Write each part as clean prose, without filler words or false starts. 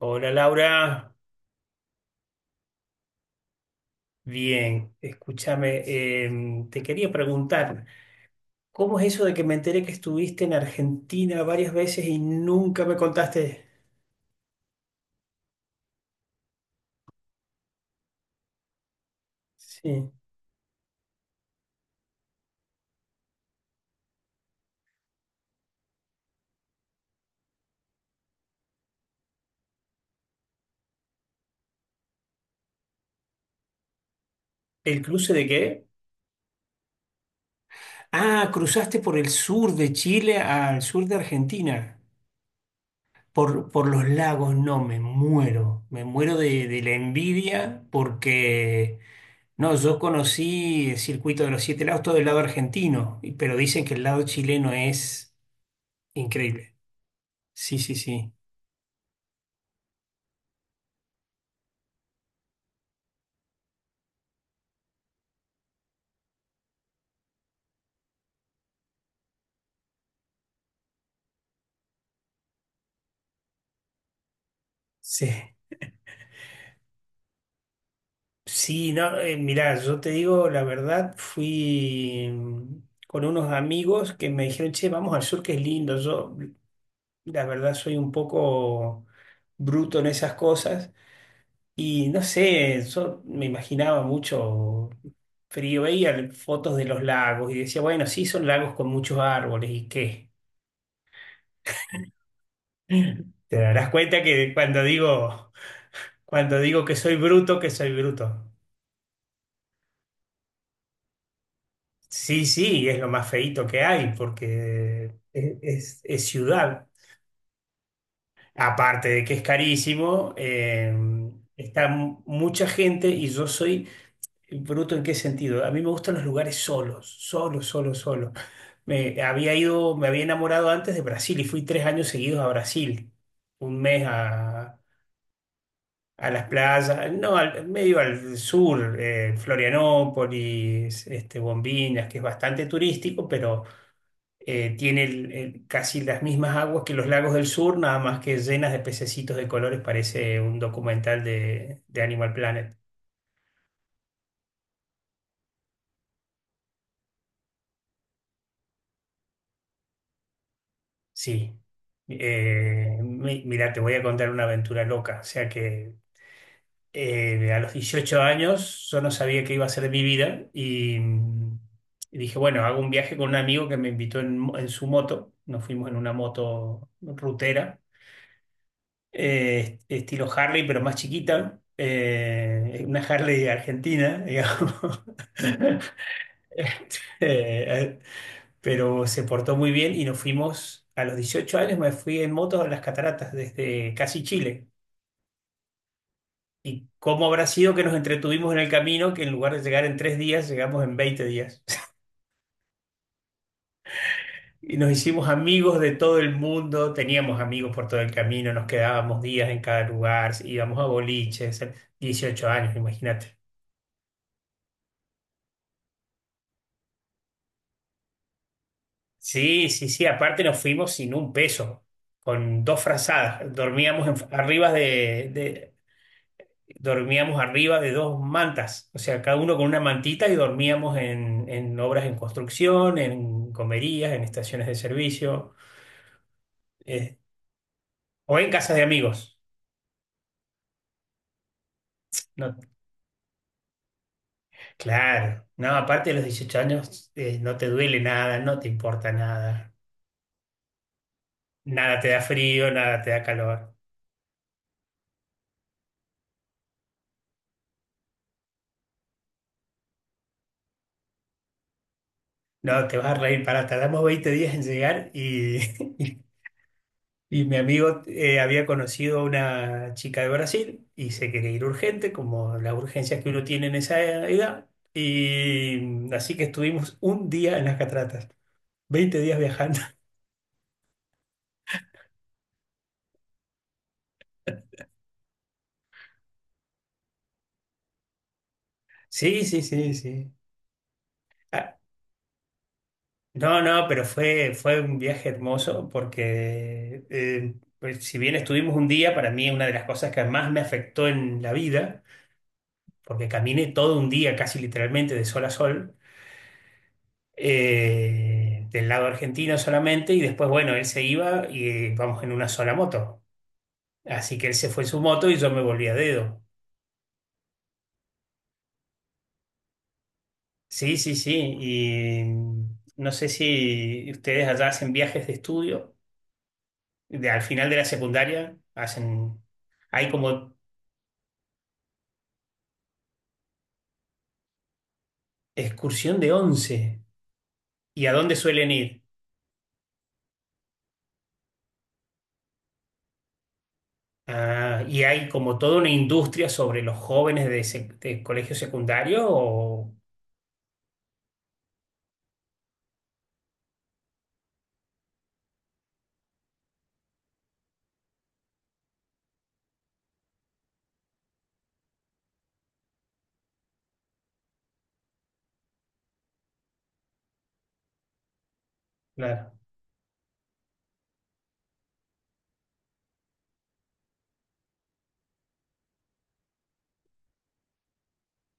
Hola Laura, bien, escúchame, te quería preguntar, ¿cómo es eso de que me enteré que estuviste en Argentina varias veces y nunca me contaste? Sí. ¿El cruce de qué? Ah, cruzaste por el sur de Chile al sur de Argentina, por los lagos, no, me muero de la envidia porque, no, yo conocí el circuito de los siete lagos, todo el lado argentino, pero dicen que el lado chileno es increíble. Sí, sí, sí. Sí, sí, no, mirá, yo te digo la verdad, fui con unos amigos que me dijeron, che, vamos al sur que es lindo. Yo, la verdad, soy un poco bruto en esas cosas y no sé, yo me imaginaba mucho frío, veía fotos de los lagos y decía, bueno, sí, son lagos con muchos árboles y qué. Te darás cuenta que cuando digo que soy bruto, que soy bruto. Sí, sí, es lo más feíto que hay porque es ciudad. Aparte de que es carísimo, está mucha gente y yo soy bruto en qué sentido. A mí me gustan los lugares solos, solo, solo, solo. Me había enamorado antes de Brasil y fui 3 años seguidos a Brasil, un mes a las playas, no, medio al sur, Florianópolis, este, Bombinhas, que es bastante turístico, pero tiene casi las mismas aguas que los lagos del sur, nada más que llenas de pececitos de colores, parece un documental de Animal Planet. Sí. Mira, te voy a contar una aventura loca. O sea que a los 18 años yo no sabía qué iba a ser de mi vida y, y dije, bueno, hago un viaje con un amigo que me invitó en su moto. Nos fuimos en una moto rutera estilo Harley, pero más chiquita, una Harley argentina, digamos. Eh, pero se portó muy bien y nos fuimos, a los 18 años me fui en moto a las cataratas desde casi Chile. ¿Y cómo habrá sido que nos entretuvimos en el camino, que en lugar de llegar en 3 días, llegamos en 20 días? Y nos hicimos amigos de todo el mundo, teníamos amigos por todo el camino, nos quedábamos días en cada lugar, íbamos a boliches, 18 años, imagínate. Sí, sí, sí, aparte nos fuimos sin un peso, con dos frazadas, dormíamos arriba de dos mantas, o sea, cada uno con una mantita y dormíamos en obras en construcción, en comerías, en estaciones de servicio, eh, o en casas de amigos. No, claro, no, aparte de los 18 años, no te duele nada, no te importa nada, nada te da frío, nada te da calor. No, te vas a reír, para tardamos 20 días en llegar y... Y mi amigo había conocido a una chica de Brasil y se quería ir urgente, como las urgencias que uno tiene en esa edad. Y así que estuvimos un día en las cataratas, 20 días viajando. Sí, sí, sí, sí. Ah, no, no, pero fue un viaje hermoso porque pues, si bien estuvimos un día, para mí una de las cosas que más me afectó en la vida, porque caminé todo un día, casi literalmente de sol a sol del lado argentino solamente, y después, bueno, él se iba y vamos en una sola moto. Así que él se fue en su moto y yo me volví a dedo. Sí, sí, sí. Y no sé si ustedes allá hacen viajes de estudio, al final de la secundaria, hay como excursión de once. ¿Y a dónde suelen ir? Ah, y hay como toda una industria sobre los jóvenes de colegio secundario o claro,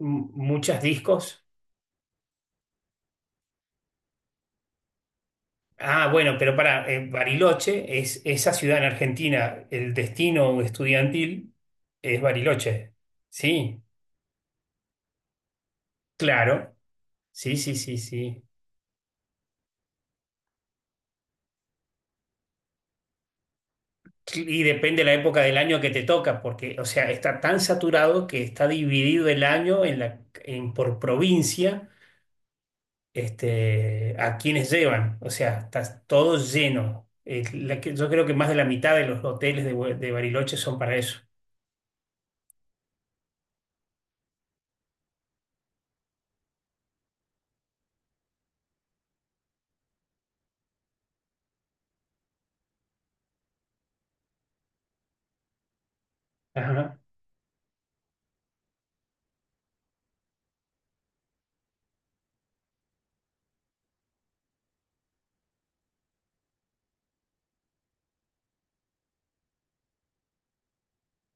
muchas discos. Ah, bueno, pero para Bariloche es esa ciudad en Argentina, el destino estudiantil es Bariloche. Sí, claro. Sí, sí, sí, sí. Y depende la época del año que te toca, porque, o sea, está tan saturado que está dividido el año por provincia, este, a quienes llevan. O sea, está todo lleno. Yo creo que más de la mitad de los hoteles de Bariloche son para eso. Ajá,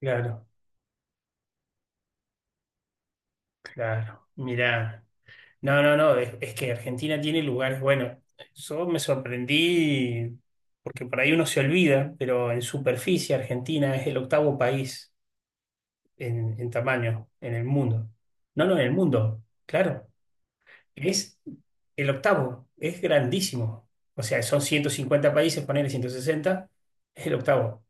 claro, claro. Mirá. No, no, no, es que Argentina tiene lugares buenos. Yo me sorprendí porque por ahí uno se olvida, pero en superficie Argentina es el octavo país en tamaño en el mundo. No, no, en el mundo, claro. Es el octavo, es grandísimo. O sea, son 150 países, ponele 160. Es el octavo.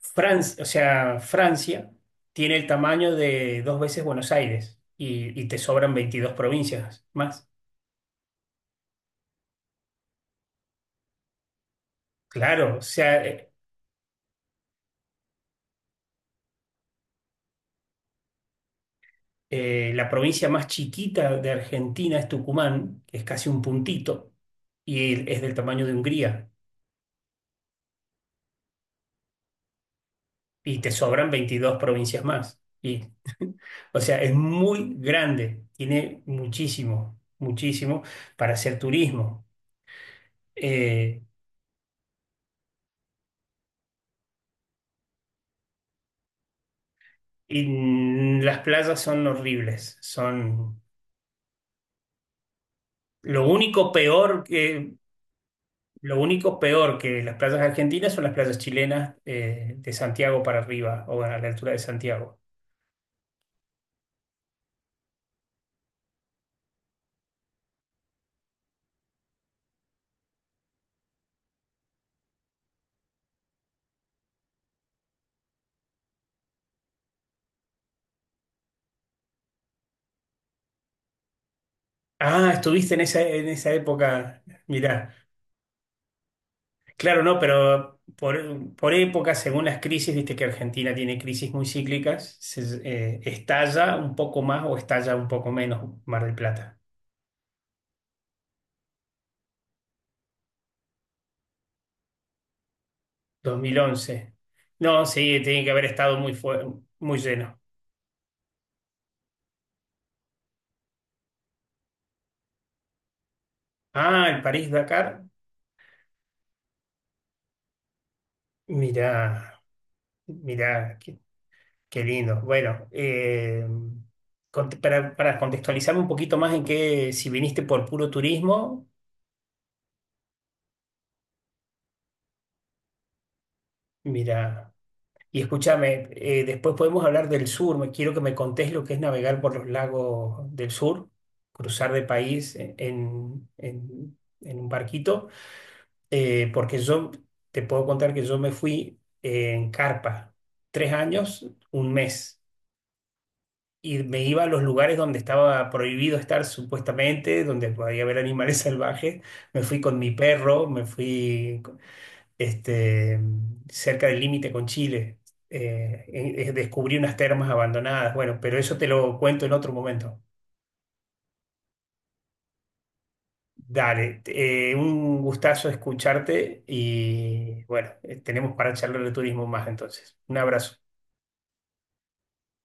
Francia, o sea, Francia tiene el tamaño de dos veces Buenos Aires y te sobran 22 provincias más. Claro, o sea, la provincia más chiquita de Argentina es Tucumán, que es casi un puntito, y es del tamaño de Hungría, y te sobran 22 provincias más. Y, o sea, es muy grande, tiene muchísimo, muchísimo para hacer turismo. Eh, y las playas son horribles, son lo único peor que... Lo único peor que las playas argentinas son las playas chilenas de Santiago para arriba o a la altura de Santiago. Ah, estuviste en esa época. Mirá, claro, no, pero por época, según las crisis, viste que Argentina tiene crisis muy cíclicas, estalla un poco más o estalla un poco menos Mar del Plata. 2011. No, sí, tiene que haber estado muy lleno. Ah, el París-Dakar. Mirá, mirá, qué lindo. Bueno, para contextualizarme un poquito más en qué, si viniste por puro turismo, mirá. Y escúchame, después podemos hablar del sur. Me quiero que me contés lo que es navegar por los lagos del sur, cruzar de país en un barquito, porque yo te puedo contar que yo me fui en carpa 3 años, un mes, y me iba a los lugares donde estaba prohibido estar supuestamente, donde podía haber animales salvajes. Me fui con mi perro, me fui este, cerca del límite con Chile. Descubrí unas termas abandonadas. Bueno, pero eso te lo cuento en otro momento. Dale, un gustazo escucharte y bueno, tenemos para charlar de turismo más entonces. Un abrazo.